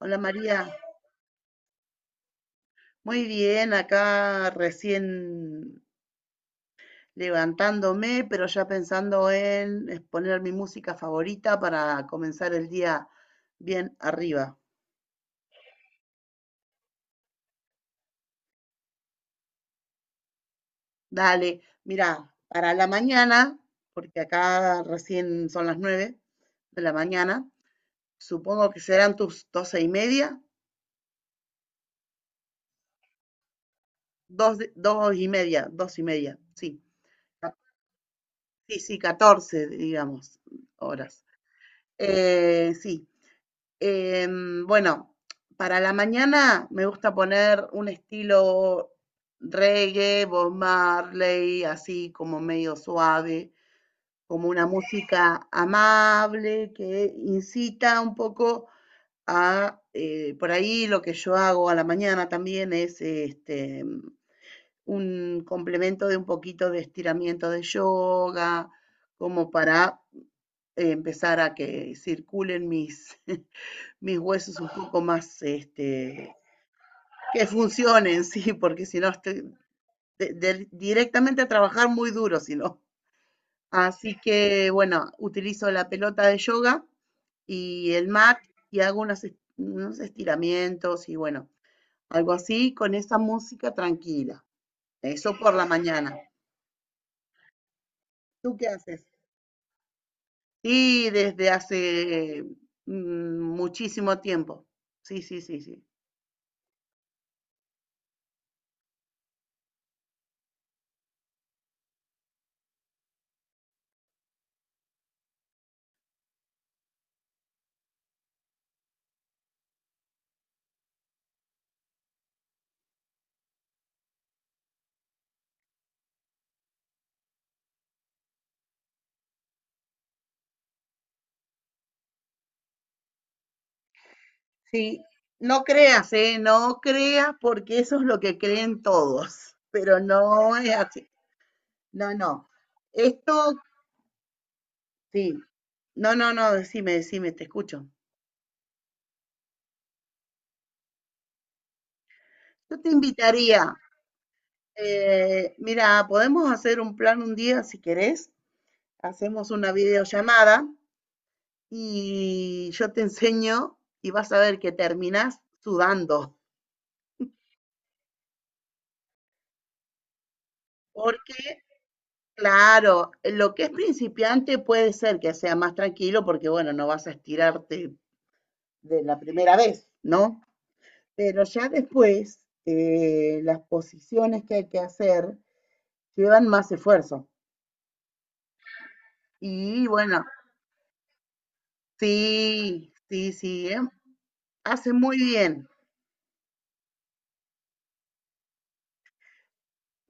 Hola María, muy bien, acá recién levantándome, pero ya pensando en poner mi música favorita para comenzar el día bien arriba. Dale, mira, para la mañana, porque acá recién son las 9 de la mañana, supongo que serán tus 12 y media, dos, dos y media, sí, ca- sí, sí, 14, digamos, horas. Sí. Bueno, para la mañana me gusta poner un estilo reggae, Bob Marley, así como medio suave, como una música amable que incita un poco a, por ahí lo que yo hago a la mañana también es un complemento de un poquito de estiramiento de yoga, como para empezar a que circulen mis huesos un poco más, este, que funcionen, sí, porque si no estoy directamente a trabajar muy duro, si no. Así que, bueno, utilizo la pelota de yoga y el mat y hago unos estiramientos y bueno, algo así con esa música tranquila. Eso por la mañana. ¿Tú qué haces? Y desde hace muchísimo tiempo. Sí, sí, sí, sí. Sí, no creas, ¿eh? No creas porque eso es lo que creen todos, pero no es así. No, no. Esto, sí. No, no, no, decime, decime, te escucho. Yo te invitaría, mira, podemos hacer un plan un día si querés, hacemos una videollamada y yo te enseño y vas a ver que terminás sudando, porque claro, lo que es principiante puede ser que sea más tranquilo porque, bueno, no vas a estirarte de la primera vez, ¿no? Pero ya después, las posiciones que hay que hacer llevan más esfuerzo. Y bueno, sí, sí, sí, ¿eh? Hace muy bien.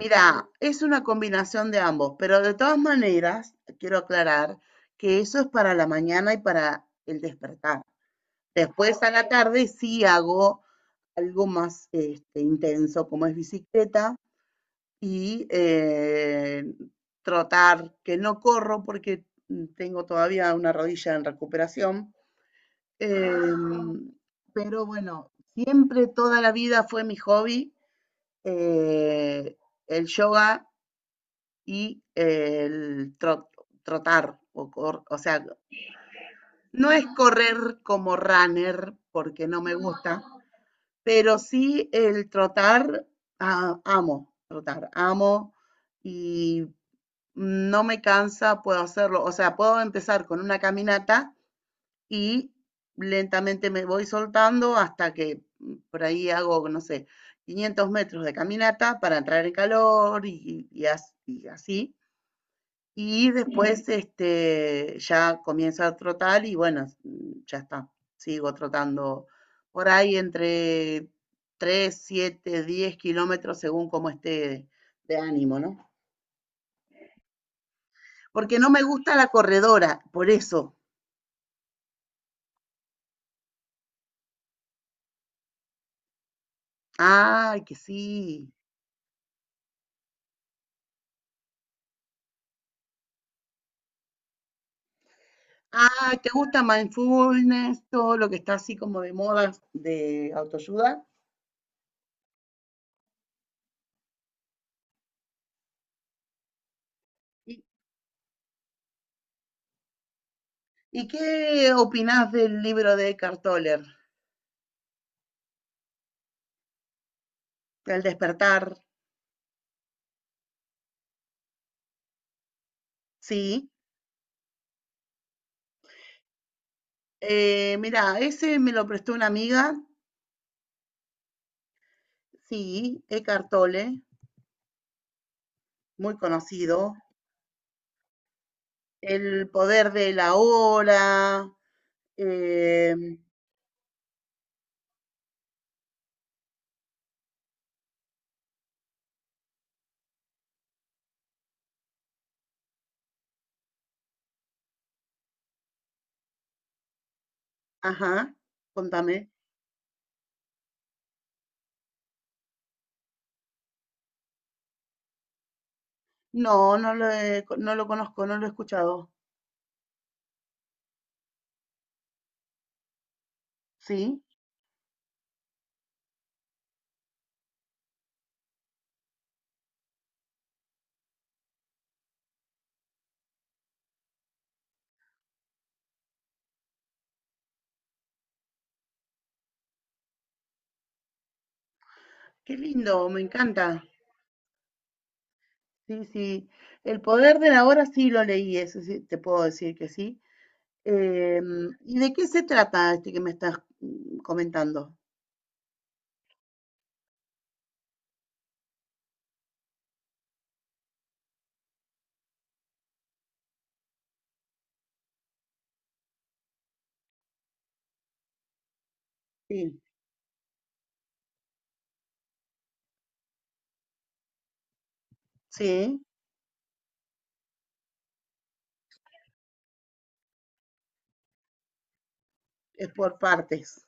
Mira, es una combinación de ambos, pero de todas maneras, quiero aclarar que eso es para la mañana y para el despertar. Después a la tarde sí hago algo más este, intenso, como es bicicleta y trotar, que no corro porque tengo todavía una rodilla en recuperación. Eh, pero bueno, siempre toda la vida fue mi hobby eh, el yoga y trotar, o, o sea, no es correr como runner porque no me gusta. Pero sí el trotar, ah, amo trotar, amo y no me cansa, puedo hacerlo. O sea, puedo empezar con una caminata y lentamente me voy soltando hasta que por ahí hago, no sé, 500 metros de caminata para entrar en calor y así. Y después, este, ya comienzo a trotar y bueno, ya está. Sigo trotando por ahí entre 3, 7, 10 kilómetros según cómo esté de ánimo, ¿no? Porque no me gusta la corredora, por eso. Ay, que sí. Ay, ¿te gusta mindfulness? Todo lo que está así como de moda de autoayuda. ¿Y, y qué opinás del libro de Eckhart Tolle? El despertar, sí. Mira, ese me lo prestó una amiga, sí, Eckhart Tolle, muy conocido. El poder de la hora, eh, ajá, contame. No lo conozco, no lo he escuchado. Sí, qué lindo, me encanta. Sí, sí. El poder de la hora sí lo leí, eso sí, te puedo decir que sí. ¿Y de qué se trata este que me estás comentando? Sí, sí, es por partes.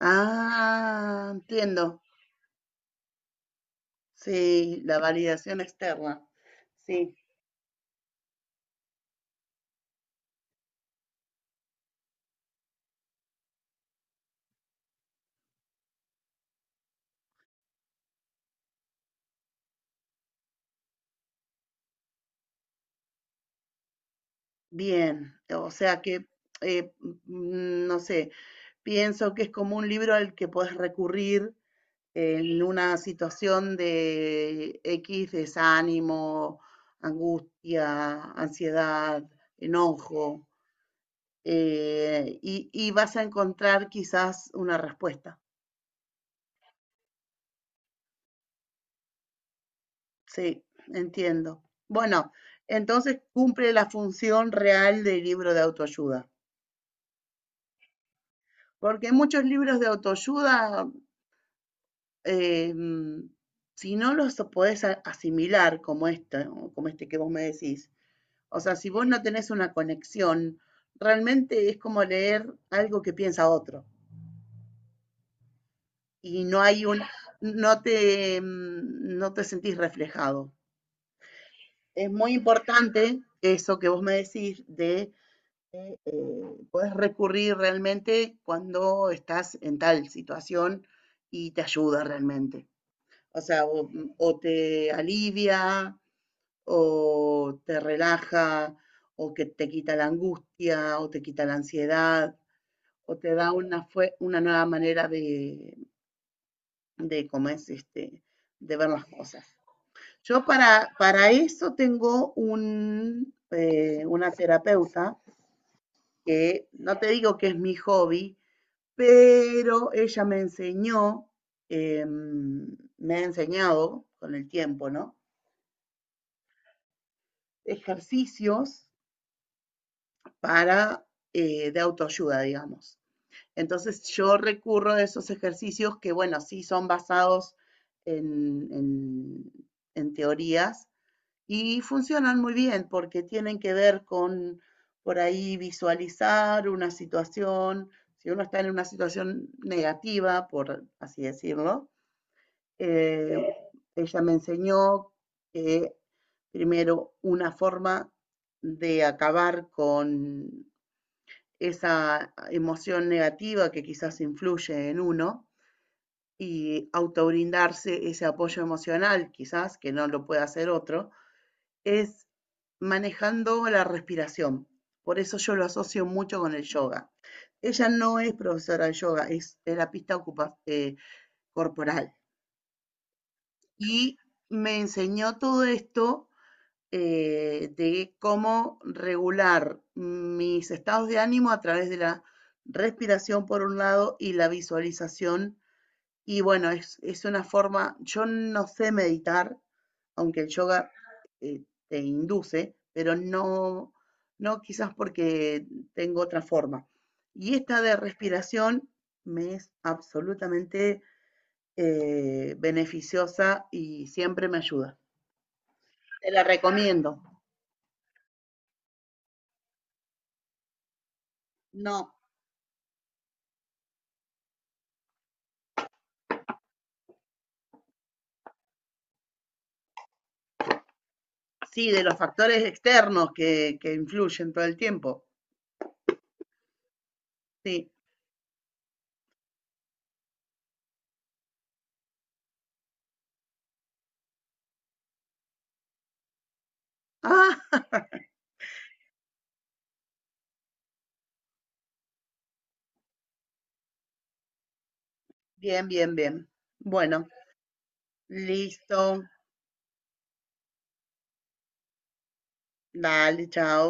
Ah, entiendo. Sí, la validación externa. Sí, bien. O sea que, eh, no sé, pienso que es como un libro al que puedes recurrir en una situación de X desánimo, angustia, ansiedad, enojo, y vas a encontrar quizás una respuesta. Sí, entiendo. Bueno, entonces cumple la función real del libro de autoayuda, porque muchos libros de autoayuda, eh, mm, si no los podés asimilar como este, ¿no? Como este que vos me decís, o sea, si vos no tenés una conexión, realmente es como leer algo que piensa otro y no hay un, no te, no te sentís reflejado. Es muy importante eso que vos me decís de eh, eh, puedes recurrir realmente cuando estás en tal situación y te ayuda realmente. O sea, o te alivia, o te relaja, o que te quita la angustia, o te quita la ansiedad, o te da una, fue, una nueva manera de cómo es este, de ver las cosas. Para eso tengo un, una terapeuta que no te digo que es mi hobby, pero ella me enseñó, me ha enseñado con el tiempo, ¿no? Ejercicios para, de autoayuda, digamos. Entonces yo recurro a esos ejercicios que, bueno, sí son basados en, en, en teorías y funcionan muy bien porque tienen que ver con, por ahí, visualizar una situación, si uno está en una situación negativa, por así decirlo, eh, ella me enseñó que primero una forma de acabar con esa emoción negativa que quizás influye en uno y autobrindarse ese apoyo emocional, quizás que no lo puede hacer otro, es manejando la respiración. Por eso yo lo asocio mucho con el yoga. Ella no es profesora de yoga, es terapista eh, corporal. Y me enseñó todo esto de cómo regular mis estados de ánimo a través de la respiración por un lado y la visualización. Y bueno, es una forma, yo no sé meditar, aunque el yoga eh, te induce, pero no, no quizás porque tengo otra forma. Y esta de respiración me es absolutamente beneficiosa y siempre me ayuda. Te la recomiendo. No. Sí, de los factores externos que influyen todo el tiempo. Sí. Ah, bien, bien, bien. Bueno, listo. Dale, chao.